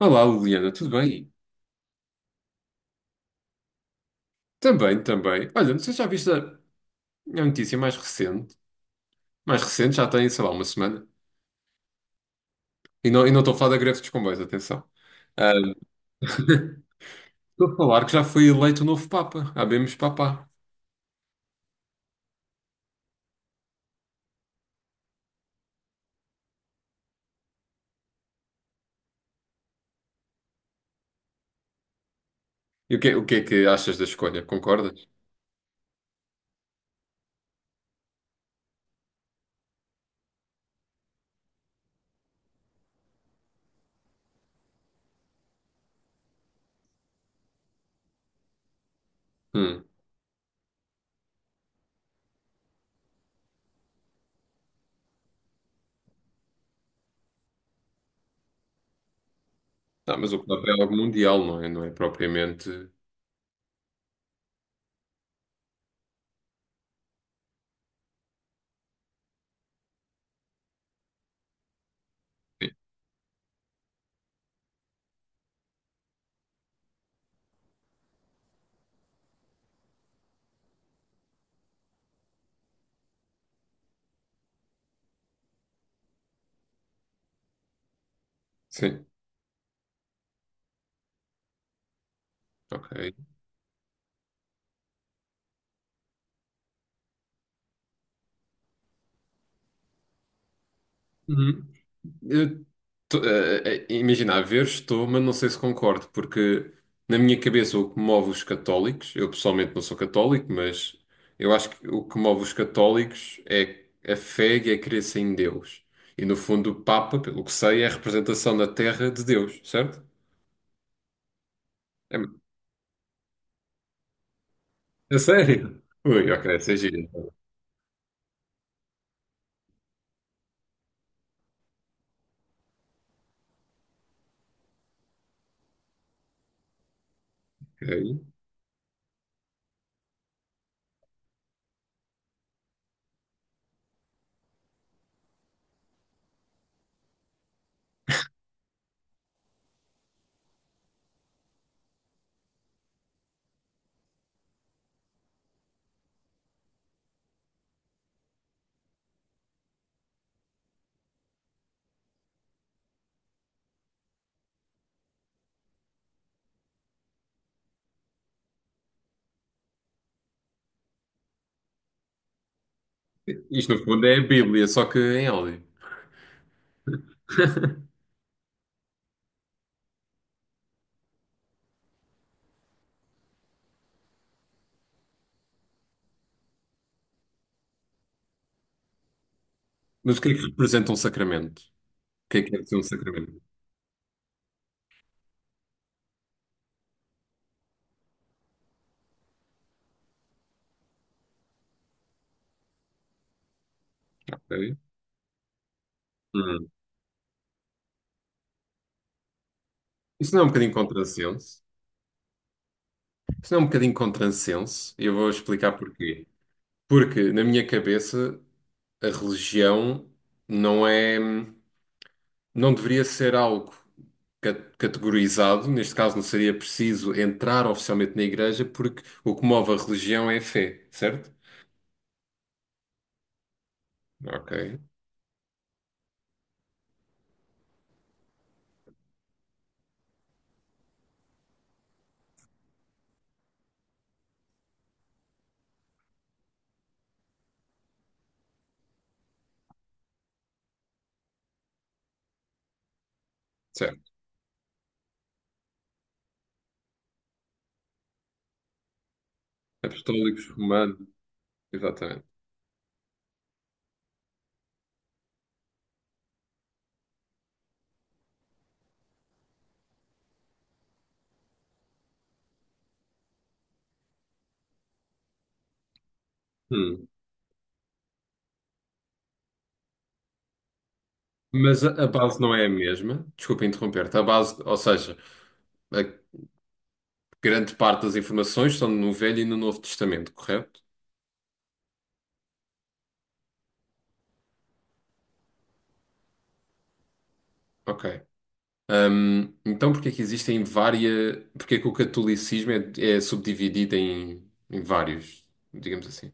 Olá, Liliana, tudo bem? Também, também. Olha, não sei se já viste a notícia mais recente. Mais recente, já tem, sei lá, uma semana. E não estou a falar da greve dos comboios, atenção. Ah, estou a falar que já foi eleito o novo Papa, Habemus Papá. O que é que achas da escolha? Concordas? Hum. Não, mas o Papa é algo mundial, não é? Não é propriamente. Sim, ok. Uhum. Eu tô- eh, eh, eh, Imagina, a ver, estou, mas não sei se concordo, porque na minha cabeça o que move os católicos, eu pessoalmente não sou católico, mas eu acho que o que move os católicos é a fé e a crença em Deus. E no fundo, o Papa, pelo que sei, é a representação na Terra de Deus, certo? É, é sério? Ui, ok, essa é gira. Ok. Isto no fundo é a Bíblia, só que em áudio. Mas o que é que representa um sacramento? O que é ser um sacramento? Ok. Hum. Isso não é um bocadinho contrassenso? Isso não é um bocadinho contrassenso, e eu vou explicar porquê. Porque, na minha cabeça, a religião não é, não deveria ser algo categorizado, neste caso não seria preciso entrar oficialmente na igreja, porque o que move a religião é a fé, certo? Ok, certo. Apostólicos, romanos, exatamente. Hum. Mas a base não é a mesma, desculpa interromper-te, a base, ou seja, a grande parte das informações estão no Velho e no Novo Testamento, correto? Ok. Então, porque é que existem várias. Porque é que o catolicismo é, é subdividido em vários, digamos assim.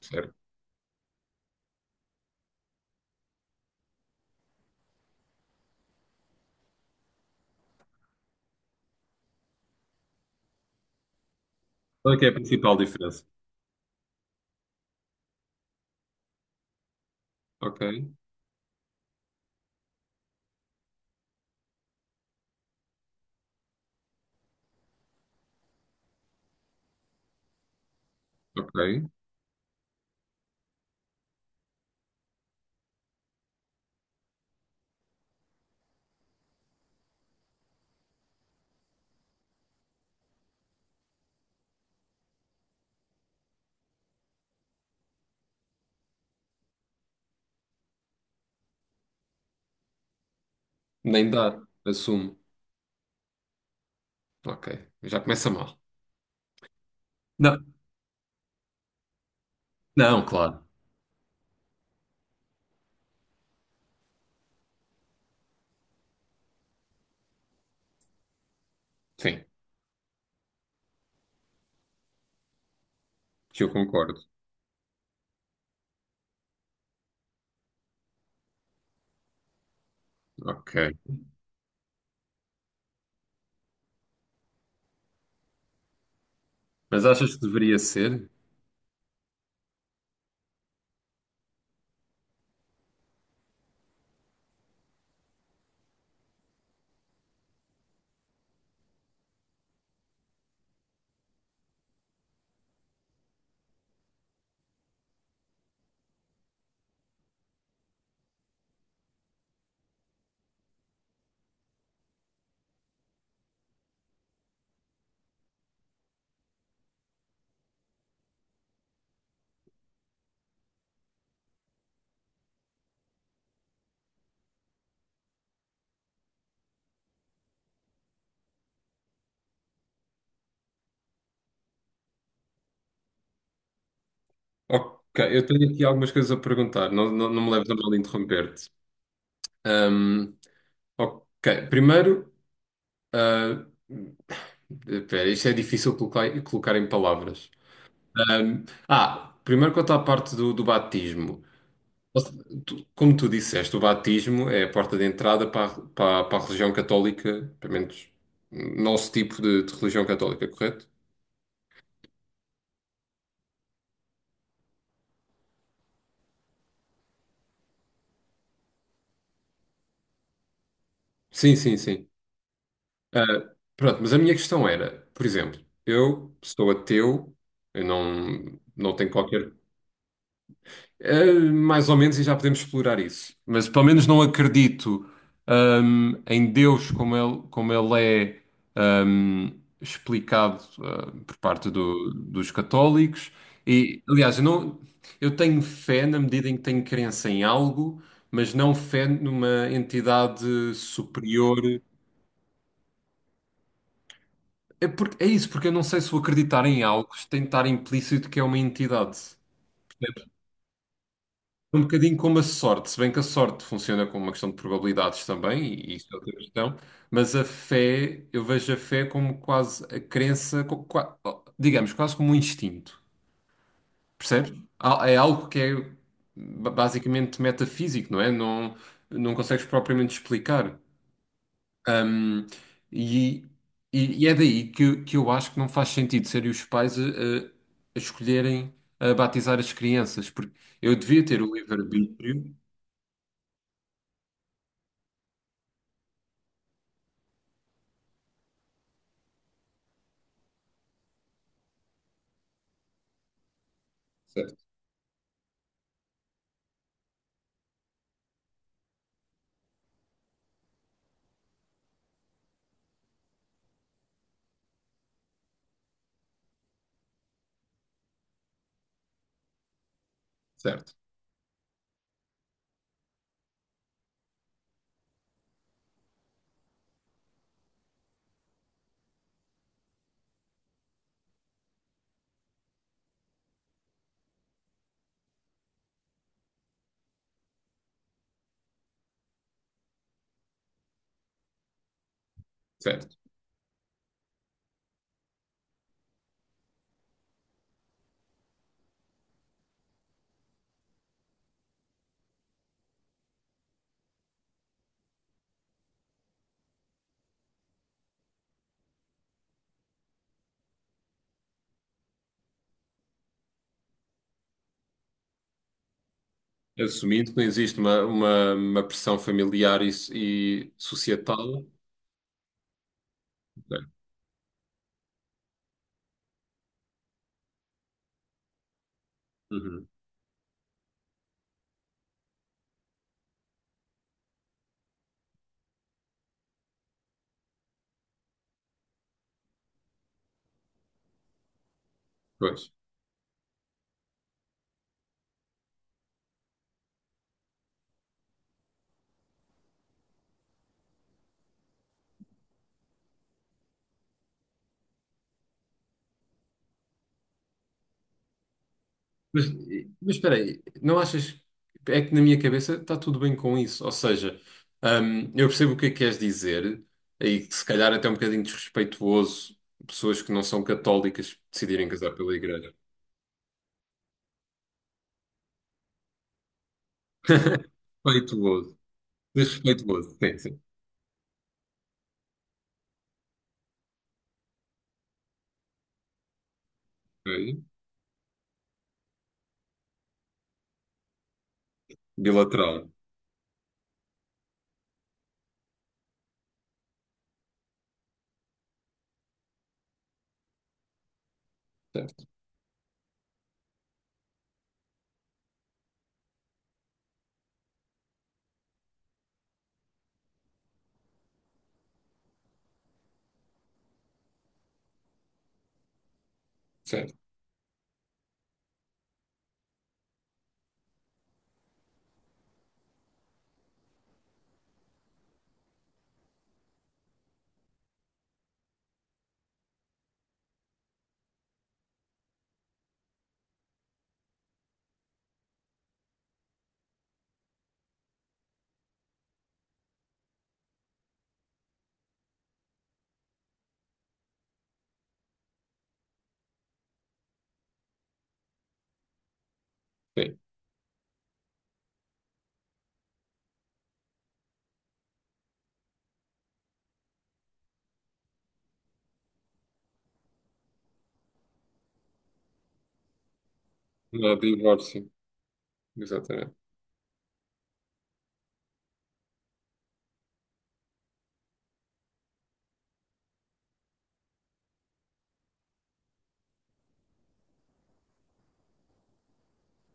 Certo. Qual é que é a principal diferença? Ok, ok. Nem dar, assumo. Ok, já começa mal. Não, não, claro. Sim, que eu concordo. Ok. Mas achas que deveria ser? Ok, eu tenho aqui algumas coisas a perguntar. Não, não, não me leves a mal de interromper-te. Hum, ok, primeiro, ah, espera, isto é difícil colocar, colocar em palavras. Primeiro quanto à parte do batismo. Ou se- tu- Como tu disseste, o batismo é a porta de entrada para a religião católica, pelo menos nosso tipo de religião católica, correto? Sim, sim, sim. Ah, pronto, mas a minha questão era, por exemplo, eu sou ateu, eu não, não tenho qualquer mais ou menos, e já podemos explorar isso. Mas pelo menos não acredito, em Deus como ele é, explicado, por parte dos católicos. E, aliás, eu, não, eu tenho fé na medida em que tenho crença em algo, mas não fé numa entidade superior. Porque eu não sei se o acreditar em algo tem de estar implícito que é uma entidade. Um bocadinho como a sorte, se bem que a sorte funciona como uma questão de probabilidades também, e isso é outra questão, mas a fé, eu vejo a fé como quase a crença, co- qua- digamos, quase como um instinto, percebes? É algo que é basicamente metafísico, não é? Não, não consegues propriamente explicar. Hum, e, e é daí que eu acho que não faz sentido serem os pais a escolherem a batizar as crianças, porque eu devia ter o livre-arbítrio. Certo, certo. Certo. Assumindo que não existe uma pressão familiar e societal. Certo. Uhum. Pois. Mas, mas espera aí, não achas. É que na minha cabeça está tudo bem com isso. Ou seja, eu percebo o que é que queres dizer, e que se calhar até é um bocadinho desrespeituoso pessoas que não são católicas decidirem casar pela igreja. Respeituoso. Desrespeituoso. Sim, sim. Ok. Bilateral. Certo, certo. Sim. Não há divórcio. Exatamente.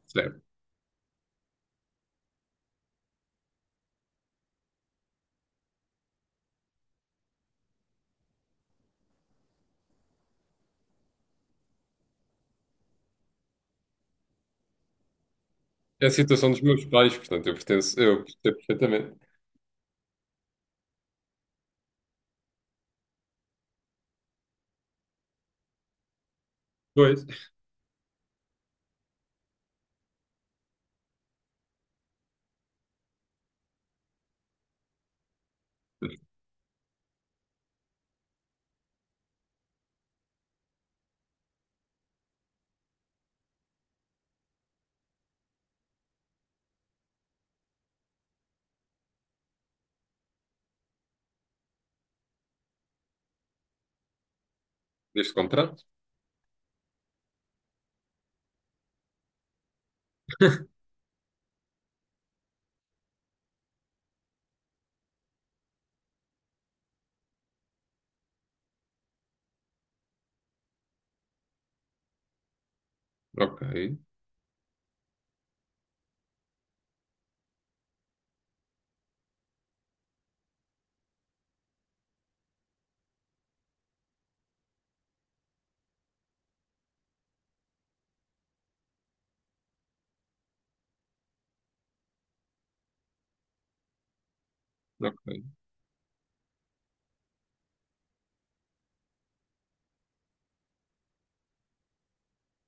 Certo. É a situação dos meus pais, portanto, eu percebo perfeitamente. Pois. Deste contrato? Ok, ok.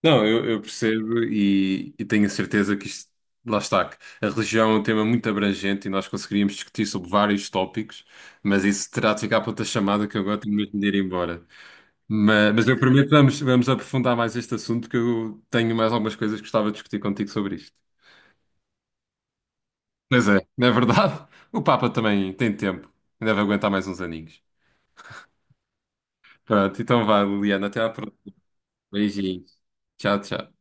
Não, eu percebo e tenho a certeza que isto, lá está, que a religião é um tema muito abrangente e nós conseguiríamos discutir sobre vários tópicos, mas isso terá de ficar para outra chamada que eu agora tenho mesmo de ir embora. Mas eu prometo que vamos aprofundar mais este assunto, que eu tenho mais algumas coisas que gostava de discutir contigo sobre isto. Pois é, não é verdade? O Papa também tem tempo, ainda vai aguentar mais uns aninhos. Pronto, então vá, Liliana, até à próxima. Beijinho. Tchau, tchau.